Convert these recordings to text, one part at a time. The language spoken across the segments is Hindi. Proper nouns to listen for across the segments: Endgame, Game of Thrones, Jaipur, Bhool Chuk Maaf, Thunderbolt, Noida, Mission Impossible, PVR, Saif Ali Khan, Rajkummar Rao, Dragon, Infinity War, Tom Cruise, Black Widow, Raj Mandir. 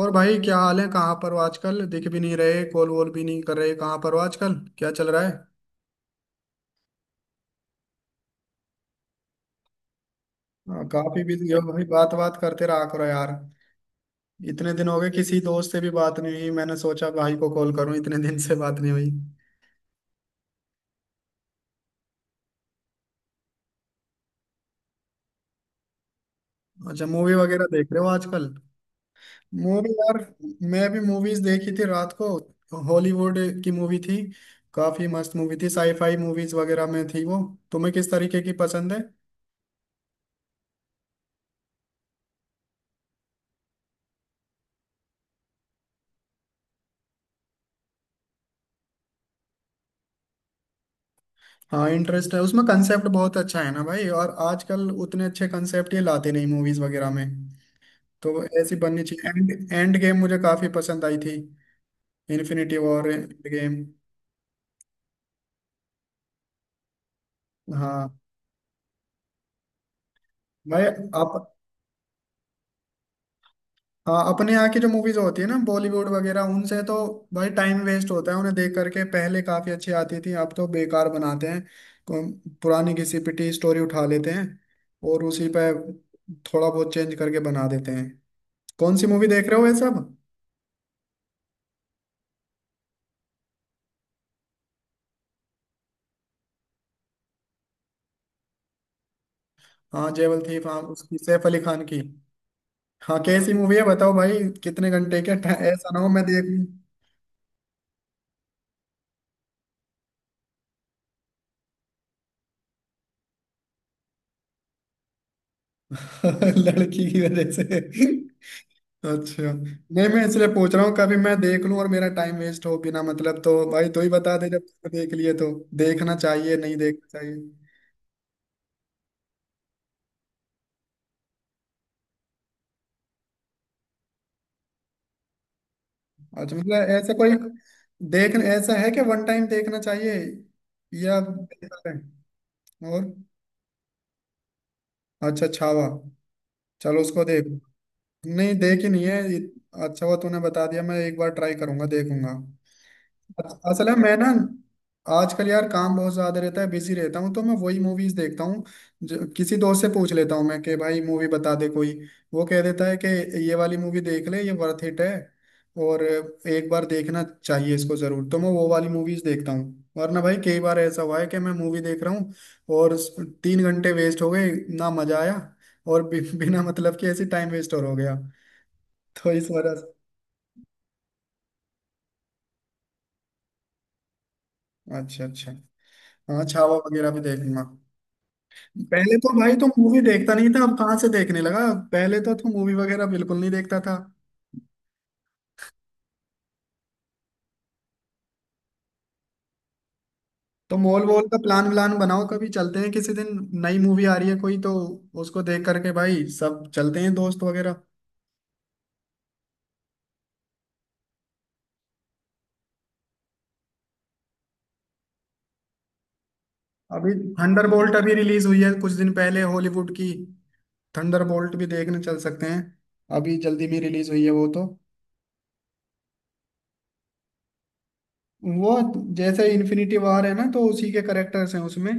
और भाई क्या हाल है। कहाँ पर हो आजकल? दिख भी नहीं रहे, कॉल वॉल भी नहीं कर रहे। कहाँ पर हो आजकल? क्या चल रहा है? हाँ, काफी बिजी हो भाई। बात बात करते रहा करो यार। इतने दिन हो गए किसी दोस्त से भी बात नहीं हुई, मैंने सोचा भाई को कॉल करूं, इतने दिन से बात नहीं हुई। अच्छा, मूवी वगैरह देख रहे हो आजकल? मूवी यार। मैं भी मूवीज देखी थी रात को, हॉलीवुड की मूवी थी। काफी मस्त मूवी थी, साईफाई मूवीज वगैरह में थी वो। तुम्हें किस तरीके की पसंद है? हाँ, इंटरेस्ट है उसमें। कंसेप्ट बहुत अच्छा है ना भाई, और आजकल उतने अच्छे कंसेप्ट ये लाते नहीं मूवीज वगैरह में। तो ऐसी बननी चाहिए। एंड एंड गेम मुझे काफी पसंद आई थी। Infinity War, Endgame. हाँ भाई। आप। हाँ, अपने यहाँ की जो मूवीज होती है ना बॉलीवुड वगैरह, उनसे तो भाई टाइम वेस्ट होता है उन्हें देख करके। पहले काफी अच्छी आती थी, अब तो बेकार बनाते हैं। पुरानी घिसी पिटी स्टोरी उठा लेते हैं, और उसी पे थोड़ा बहुत चेंज करके बना देते हैं। कौन सी मूवी देख रहे हो ये सब? हाँ, जेवल थी हाँ, उसकी सैफ अली खान की। हाँ, कैसी मूवी है बताओ भाई। कितने घंटे के ऐसा ना हो मैं देख लूं। लड़की की वजह से। अच्छा, नहीं मैं इसलिए पूछ रहा हूँ कभी मैं देख लूं और मेरा टाइम वेस्ट हो बिना मतलब। तो भाई तू ही बता दे, जब तूने देख लिए तो। देखना चाहिए, नहीं देखना चाहिए? अच्छा मतलब ऐसा कोई। देख ऐसा है कि वन टाइम देखना चाहिए या बेकार है? और? अच्छा छावा। चलो उसको देख। नहीं देखी नहीं है अच्छा हुआ तूने बता दिया, मैं एक बार ट्राई करूंगा, देखूंगा। असल है मैं ना आजकल यार काम बहुत ज्यादा रहता है, बिजी रहता हूँ, तो मैं वही मूवीज देखता हूँ, किसी दोस्त से पूछ लेता हूँ मैं कि भाई मूवी बता दे कोई। वो कह देता है कि ये वाली मूवी देख ले, ये वर्थ इट है, और एक बार देखना चाहिए इसको जरूर, तो मैं वो वाली मूवीज देखता हूँ। वरना भाई कई बार ऐसा हुआ है कि मैं मूवी देख रहा हूँ और 3 घंटे वेस्ट हो गए, ना मजा आया, और बिना मतलब कि ऐसे टाइम वेस्ट और हो गया। तो इस वजह से। अच्छा अच्छा। हाँ, छावा वगैरह भी देखूंगा। पहले तो भाई तू मूवी देखता नहीं था, अब कहाँ से देखने लगा? पहले तो तू मूवी वगैरह बिल्कुल नहीं देखता था। तो मॉल वॉल का प्लान व्लान बनाओ कभी, चलते हैं किसी दिन। नई मूवी आ रही है कोई तो उसको देख करके भाई सब चलते हैं, दोस्त वगैरह। अभी थंडरबोल्ट अभी रिलीज हुई है कुछ दिन पहले, हॉलीवुड की। थंडरबोल्ट भी देखने चल सकते हैं, अभी जल्दी में रिलीज हुई है वो तो। वो जैसे इन्फिनिटी वॉर है ना, तो उसी के करेक्टर्स हैं उसमें।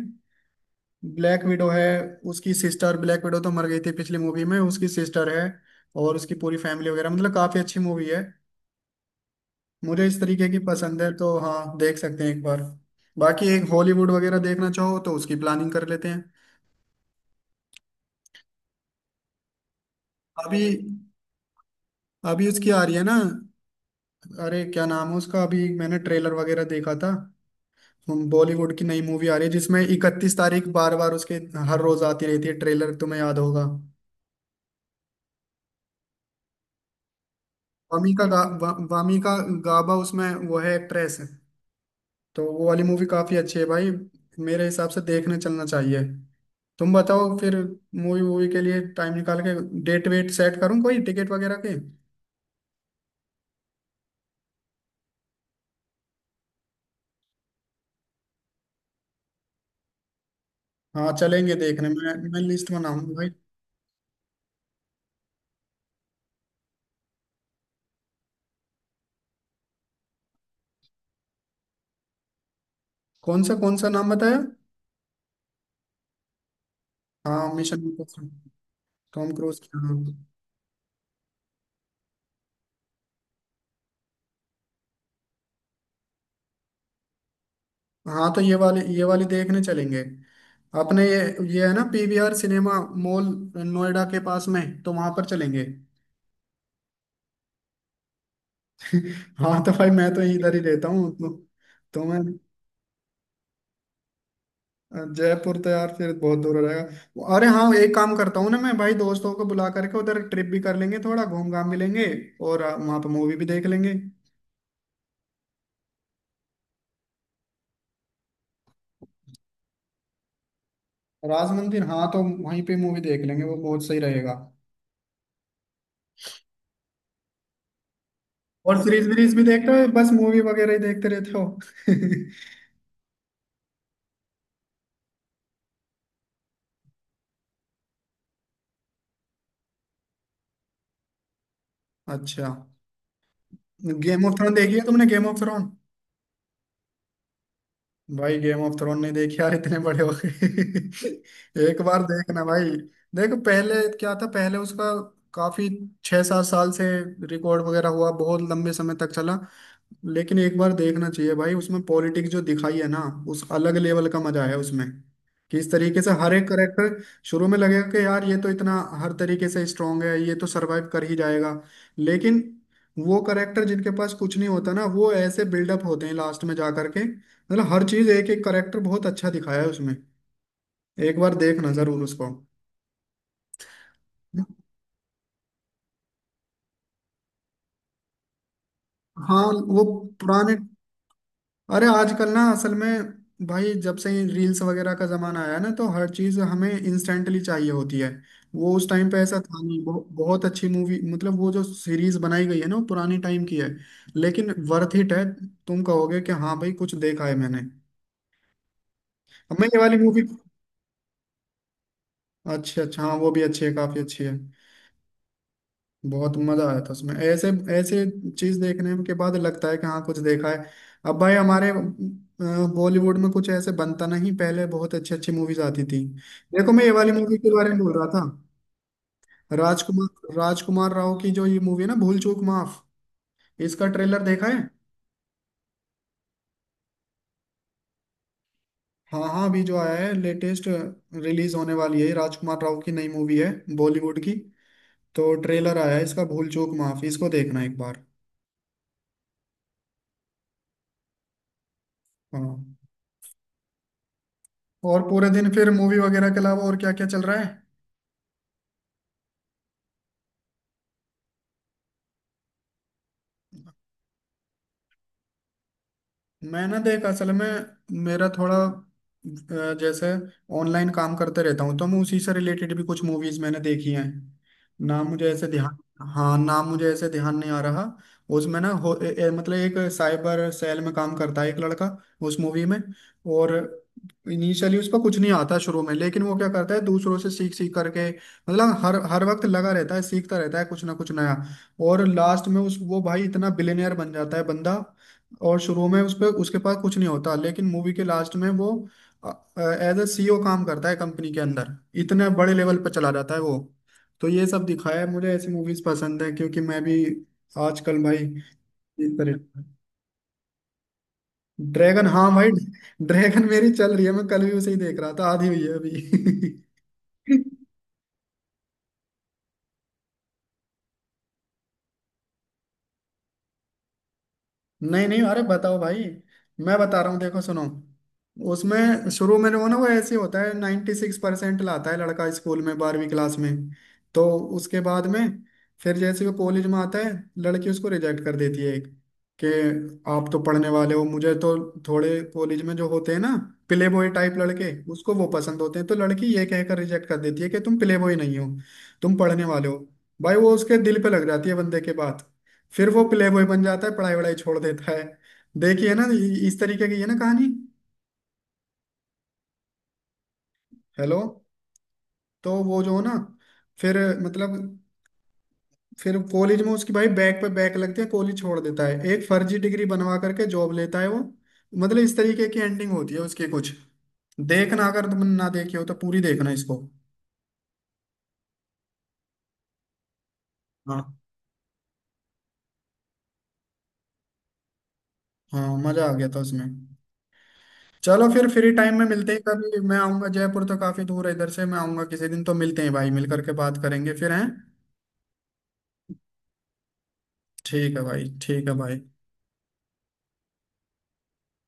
ब्लैक विडो है, उसकी सिस्टर। ब्लैक विडो तो मर गई थी पिछली मूवी में, उसकी सिस्टर है। और उसकी पूरी फैमिली वगैरह, मतलब काफी अच्छी मूवी है। मुझे इस तरीके की पसंद है, तो हाँ देख सकते हैं एक बार। बाकी एक हॉलीवुड वगैरह देखना चाहो तो उसकी प्लानिंग कर लेते हैं। अभी अभी उसकी आ रही है ना। अरे क्या नाम है उसका? अभी मैंने ट्रेलर वगैरह देखा था। बॉलीवुड की नई मूवी आ रही है जिसमें 31 तारीख, बार बार उसके हर रोज आती रहती है ट्रेलर, तुम्हें याद होगा। वामी का गाबा, उसमें वो है एक्ट्रेस। तो वो वाली मूवी काफी अच्छी है भाई, मेरे हिसाब से देखने चलना चाहिए। तुम बताओ फिर, मूवी वूवी के लिए टाइम निकाल के डेट वेट सेट करूँ कोई टिकट वगैरह के। हाँ चलेंगे देखने, मैं लिस्ट बनाऊंगा भाई। कौन सा नाम बताया? हाँ, मिशन इम्पॉसिबल। टॉम क्रूज की, हाँ। हाँ तो ये वाली देखने चलेंगे, अपने ये है ना पीवीआर सिनेमा मॉल नोएडा के पास में, तो वहां पर चलेंगे। हाँ, तो भाई मैं तो इधर ही रहता हूँ तो मैं, जयपुर तो यार फिर बहुत दूर हो जाएगा। अरे हाँ, एक काम करता हूँ ना मैं भाई, दोस्तों को बुला करके उधर ट्रिप भी कर लेंगे, थोड़ा घूम घाम भी लेंगे और वहाँ पे मूवी भी देख लेंगे। राज मंदिर, हाँ तो वहीं पे मूवी देख लेंगे, वो बहुत सही रहेगा। और सीरीज वीरीज भी देखते हो या बस मूवी वगैरह ही देखते रहते हो? अच्छा, गेम ऑफ थ्रोन देखी है तुमने? Game of throne. भाई, गेम ऑफ थ्रोन नहीं देखी यार, इतने बड़े हो गए। एक बार देखना भाई। देखो पहले क्या था, पहले उसका काफी 6 7 साल से रिकॉर्ड वगैरह हुआ, बहुत लंबे समय तक चला। लेकिन एक बार देखना चाहिए भाई, उसमें पॉलिटिक्स जो दिखाई है ना, उस अलग लेवल का मजा है उसमें। कि इस तरीके से हर एक करेक्टर शुरू में लगेगा कि यार ये तो इतना हर तरीके से स्ट्रांग है, ये तो सरवाइव कर ही जाएगा। लेकिन वो करेक्टर जिनके पास कुछ नहीं होता ना, वो ऐसे बिल्डअप होते हैं लास्ट में जा करके, मतलब हर चीज, एक एक करेक्टर बहुत अच्छा दिखाया है उसमें। एक बार देखना जरूर उसको। हाँ वो पुराने, अरे आजकल ना असल में भाई, जब से रील्स वगैरह का जमाना आया ना, तो हर चीज हमें इंस्टेंटली चाहिए होती है। वो उस टाइम पे ऐसा था नहीं, बहुत अच्छी मूवी, मतलब वो जो सीरीज बनाई गई है ना, वो पुरानी टाइम की है लेकिन वर्थ इट है। तुम कहोगे कि हाँ भाई कुछ देखा है मैंने। अब मैं ये वाली मूवी, अच्छा अच्छा हाँ, वो भी अच्छी है, काफी अच्छी है। बहुत मजा आया था उसमें, ऐसे ऐसे चीज देखने के बाद लगता है कि हाँ, कुछ देखा है। अब भाई हमारे बॉलीवुड में कुछ ऐसे बनता नहीं, पहले बहुत अच्छी अच्छी मूवीज आती थी। देखो मैं ये वाली मूवी के बारे में बोल रहा था, राजकुमार राजकुमार राव की जो ये मूवी है ना, भूल चूक माफ। इसका ट्रेलर देखा है? हाँ हाँ अभी जो आया है, लेटेस्ट रिलीज होने वाली है, राजकुमार राव की नई मूवी है, बॉलीवुड की। तो ट्रेलर आया है इसका, भूल चूक माफ, इसको देखना एक बार। हाँ, और पूरे दिन फिर मूवी वगैरह के अलावा और क्या क्या चल रहा है? मैंने देख असल में, मेरा थोड़ा जैसे ऑनलाइन काम करते रहता हूँ, तो मैं उसी से रिलेटेड भी कुछ मूवीज मैंने देखी हैं। ना मुझे ऐसे ध्यान, हाँ ना मुझे ऐसे ध्यान नहीं आ रहा। उसमें ना हो ए, ए, मतलब एक साइबर सेल में काम करता है एक लड़का उस मूवी में। और इनिशियली उस पर कुछ नहीं आता शुरू में, लेकिन वो क्या करता है, दूसरों से सीख सीख करके, मतलब हर हर वक्त लगा रहता है, सीखता रहता है कुछ ना कुछ नया। और लास्ट में उस, वो भाई इतना बिलियनियर बन जाता है बंदा। और शुरू में उस पे उसके पास कुछ नहीं होता, लेकिन मूवी के लास्ट में वो एज ए सीईओ काम करता है कंपनी के अंदर, इतने बड़े लेवल पर चला जाता है वो। तो ये सब दिखाया है, मुझे ऐसी मूवीज पसंद है क्योंकि मैं भी आजकल भाई इस तरह। ड्रैगन, हाँ भाई, ड्रैगन मेरी चल रही है, मैं कल भी उसे ही देख रहा था, आधी हुई है अभी। नहीं नहीं, अरे बताओ भाई, मैं बता रहा हूँ देखो सुनो। उसमें शुरू में वो ना, वो ऐसे होता है, 96% लाता है लड़का स्कूल में 12वीं क्लास में। तो उसके बाद में फिर जैसे वो कॉलेज में आता है, लड़की उसको रिजेक्ट कर देती है एक, कि आप तो पढ़ने वाले हो, मुझे तो थोड़े कॉलेज में जो होते हैं ना प्ले बॉय टाइप लड़के उसको वो पसंद होते हैं, तो लड़की ये कहकर रिजेक्ट कर देती है कि तुम प्ले बॉय नहीं हो, तुम पढ़ने वाले हो। भाई वो उसके दिल पे लग जाती है बंदे के, फिर वो प्ले बॉय बन जाता है, पढ़ाई वढ़ाई छोड़ देता है। देखिए ना इस तरीके की है ना कहानी। हेलो। तो वो जो ना, फिर, मतलब, फिर कॉलेज में उसकी भाई बैक पे बैक लगती है, कॉलेज छोड़ देता है, एक फर्जी डिग्री बनवा करके जॉब लेता है वो। मतलब इस तरीके की एंडिंग होती है उसके कुछ। देखना अगर तुम ना देखे हो तो पूरी देखना इसको। हाँ, हाँ मजा आ गया था उसमें। चलो फिर फ्री टाइम में मिलते हैं कभी, मैं आऊंगा, जयपुर तो काफी दूर है इधर से। मैं आऊंगा किसी दिन तो मिलते हैं भाई, मिल करके बात करेंगे फिर हैं। ठीक है भाई, ठीक है भाई।